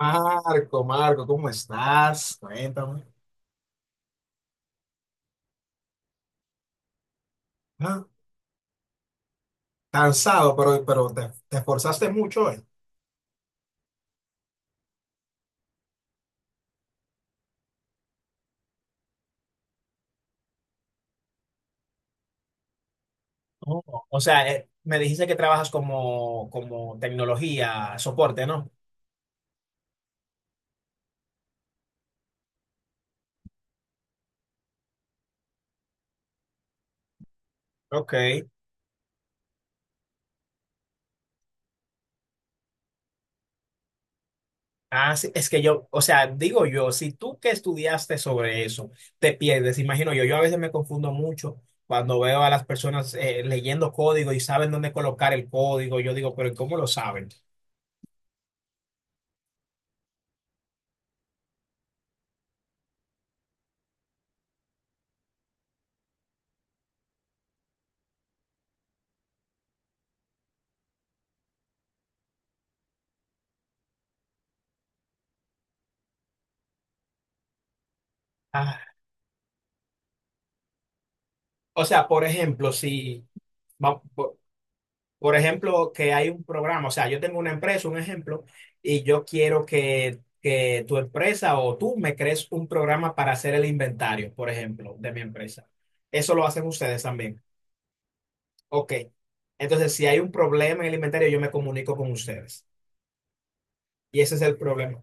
Marco, Marco, ¿cómo estás? Cuéntame. Ah, cansado, pero te esforzaste mucho hoy. Oh, o sea, me dijiste que trabajas como tecnología, soporte, ¿no? Ok. Ah, sí, es que yo, o sea, digo yo, si tú que estudiaste sobre eso, te pierdes, imagino yo a veces me confundo mucho cuando veo a las personas leyendo código y saben dónde colocar el código, yo digo, pero ¿cómo lo saben? O sea, por ejemplo, si, va- por ejemplo, que hay un programa, o sea, yo tengo una empresa, un ejemplo, y yo quiero que tu empresa o tú me crees un programa para hacer el inventario, por ejemplo, de mi empresa. Eso lo hacen ustedes también. Ok. Entonces, si hay un problema en el inventario, yo me comunico con ustedes. Y ese es el problema.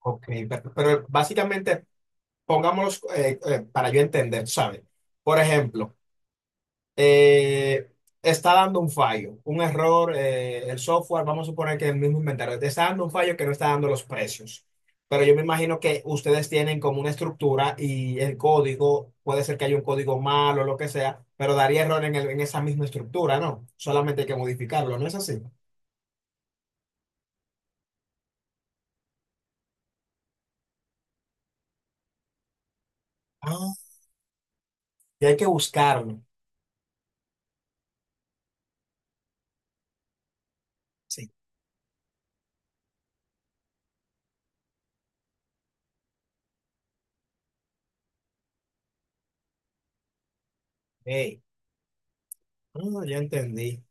Ok, pero básicamente, pongámoslos para yo entender, ¿sabes? Por ejemplo. eh, está dando un fallo, un error, el software, vamos a suponer que es el mismo inventario, te está dando un fallo que no está dando los precios. Pero yo me imagino que ustedes tienen como una estructura y el código, puede ser que haya un código malo o lo que sea, pero daría error en esa misma estructura, ¿no? Solamente hay que modificarlo, ¿no es así? Ah, y hay que buscarlo. Sí. Hey, ya entendí.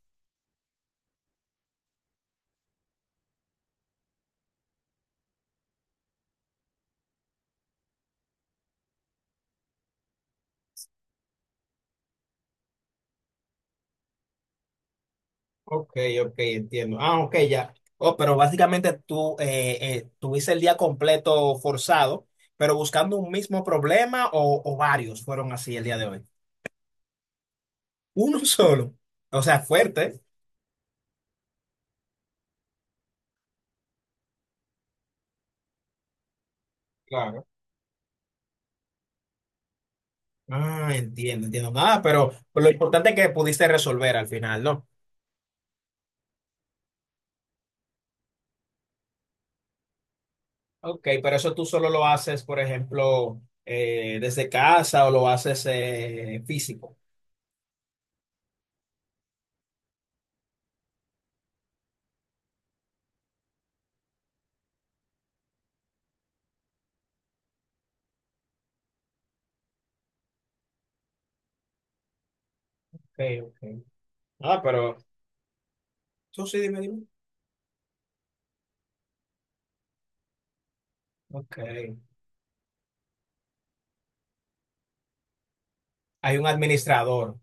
Ok, ok, entiendo. Ah, ok, ya. Oh, pero básicamente tú tuviste el día completo forzado, pero buscando un mismo problema o varios fueron así el día de hoy. Uno solo. O sea, fuerte. Claro. Ah, entiendo, entiendo. Nada, pero lo importante es que pudiste resolver al final, ¿no? Ok, pero eso tú solo lo haces, por ejemplo, desde casa o lo haces físico. Ok, ok. Ah, pero tú sí, dime, dime. Ok. Hay un administrador.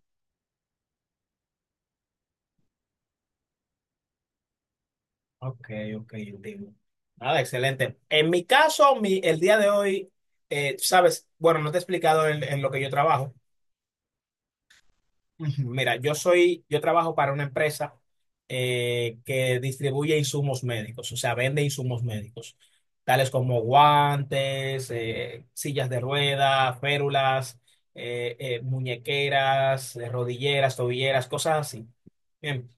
Ok, ok, entiendo. Nada, excelente. En mi caso, mi, el día de hoy, sabes, bueno, no te he explicado en lo que yo trabajo. Ujú. Mira, yo trabajo para una empresa que distribuye insumos médicos, o sea, vende insumos médicos, tales como guantes, sillas de rueda, férulas, muñequeras, rodilleras, tobilleras, cosas así. Bien.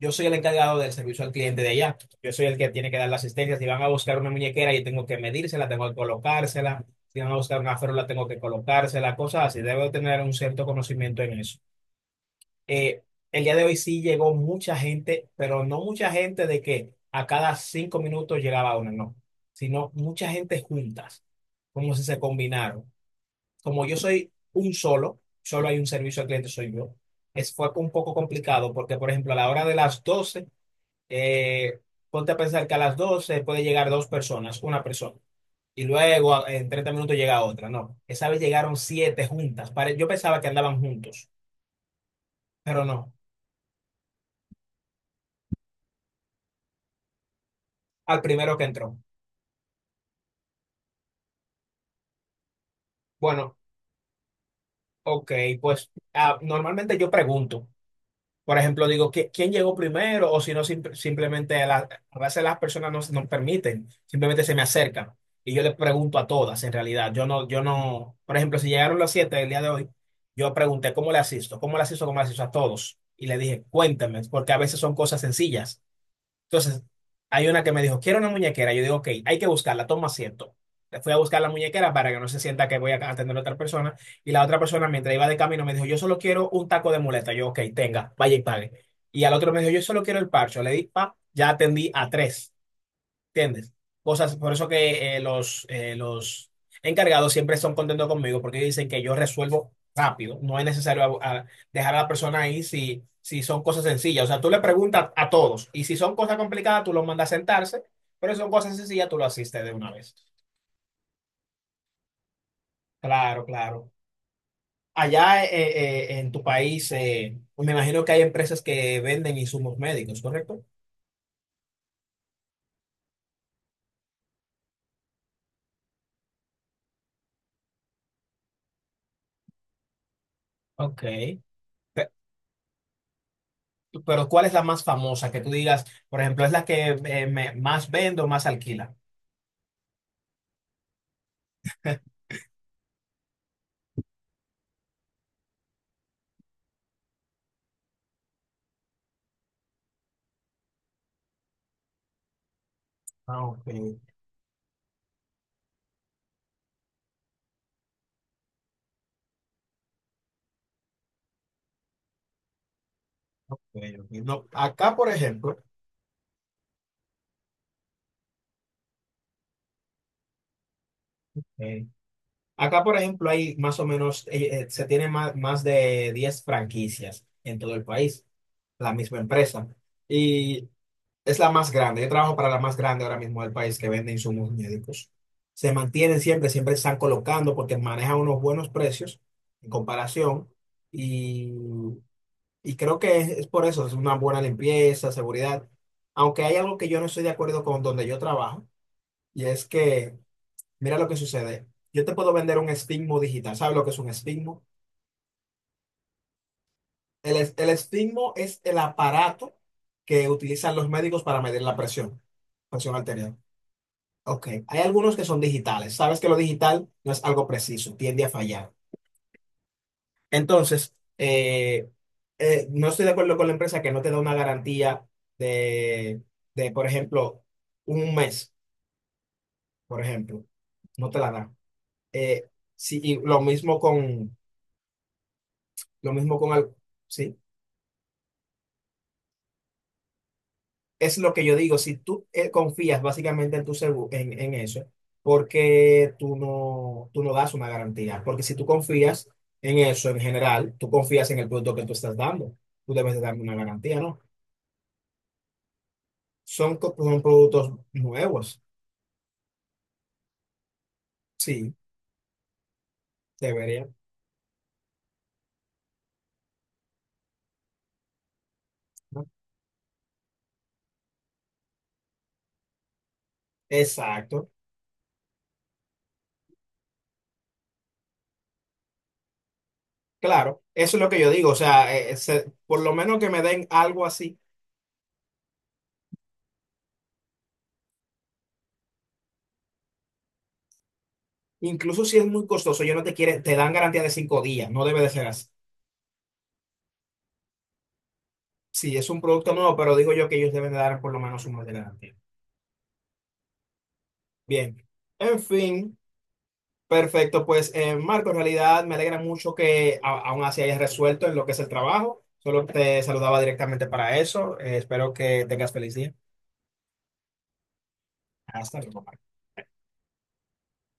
Yo soy el encargado del servicio al cliente de allá. Yo soy el que tiene que dar la asistencia. Si van a buscar una muñequera, yo tengo que medírsela, tengo que colocársela. Si van a buscar una férula, tengo que colocársela, cosas así. Debo tener un cierto conocimiento en eso. Eh, el día de hoy sí llegó mucha gente, pero no mucha gente de que a cada 5 minutos llegaba una, no, sino mucha gente juntas, como si se combinaron. Como yo soy solo hay un servicio al cliente, soy yo. Es, fue un poco complicado porque, por ejemplo, a la hora de las 12 eh, ponte a pensar que a las 12 puede llegar dos personas, una persona, y luego en 30 minutos llega otra. No, esa vez llegaron siete juntas. Pare- Yo pensaba que andaban juntos, pero no, al primero que entró. Bueno, ok, pues ah, normalmente yo pregunto. Por ejemplo, digo, ¿quién llegó primero? O si no, simplemente a veces las personas no, no permiten, simplemente se me acercan. Y yo les pregunto a todas, en realidad. Yo no, yo no, por ejemplo, si llegaron las 7 el día de hoy, yo pregunté, ¿cómo le asisto? ¿Cómo le asisto? ¿Cómo le asisto a todos? Y le dije, cuéntame, porque a veces son cosas sencillas. Entonces, hay una que me dijo, quiero una muñequera. Yo digo, ok, hay que buscarla, toma asiento. Le fui a buscar la muñequera para que no se sienta que voy a atender a otra persona. Y la otra persona, mientras iba de camino, me dijo, yo solo quiero un taco de muleta. Yo, ok, tenga, vaya y pague. Y al otro me dijo, yo solo quiero el parcho. Le di, pa, ya atendí a tres. ¿Entiendes? Cosas, por eso que los encargados siempre son contentos conmigo porque dicen que yo resuelvo rápido. No es necesario a dejar a la persona ahí si, si son cosas sencillas. O sea, tú le preguntas a todos y si son cosas complicadas, tú los mandas a sentarse, pero si son cosas sencillas, tú lo asistes de una vez. Claro, claro. Allá en tu país, me imagino que hay empresas que venden insumos médicos, ¿correcto? Ok. Pero ¿cuál es la más famosa que tú digas, por ejemplo, es la que más vendo, más alquila? Ah, ok, ok, ok. No, Eh, acá, por ejemplo, hay más o menos, se tiene más de 10 franquicias en todo el país, la misma empresa. Y es la más grande. Yo trabajo para la más grande ahora mismo del país que vende insumos médicos. Se mantienen siempre, siempre están colocando porque manejan unos buenos precios en comparación. y Y creo que es por eso, es una buena limpieza, seguridad. Aunque hay algo que yo no estoy de acuerdo con donde yo trabajo, y es que, mira lo que sucede. Yo te puedo vender un estigmo digital. ¿Sabes lo que es un estigmo? El, el estigmo es el aparato que utilizan los médicos para medir la presión, presión arterial. Ok, hay algunos que son digitales. Sabes que lo digital no es algo preciso, tiende a fallar. Entonces, no estoy de acuerdo con la empresa que no te da una garantía de, de, por ejemplo, un mes, por ejemplo. No te la da. Eh, sí, y lo mismo con, lo mismo con, al- sí, es lo que yo digo. Si tú confías básicamente en tu seguro, en eso, porque tú no das una garantía? Porque si tú confías en eso en general, tú confías en el producto que tú estás dando. Tú debes de darme una garantía, ¿no? Son productos nuevos. Sí, deberían. ¿No? Exacto. Claro, eso es lo que yo digo. O sea, por lo menos que me den algo así. Incluso si es muy costoso, yo no te quieren, te dan garantía de 5 días. No debe de ser así. Sí, es un producto nuevo, pero digo yo que ellos deben de dar por lo menos un mes de garantía. Bien. En fin, perfecto. Pues, Marco, en realidad me alegra mucho que aún así hayas resuelto en lo que es el trabajo. Solo te saludaba directamente para eso. Espero que tengas feliz día. Hasta luego.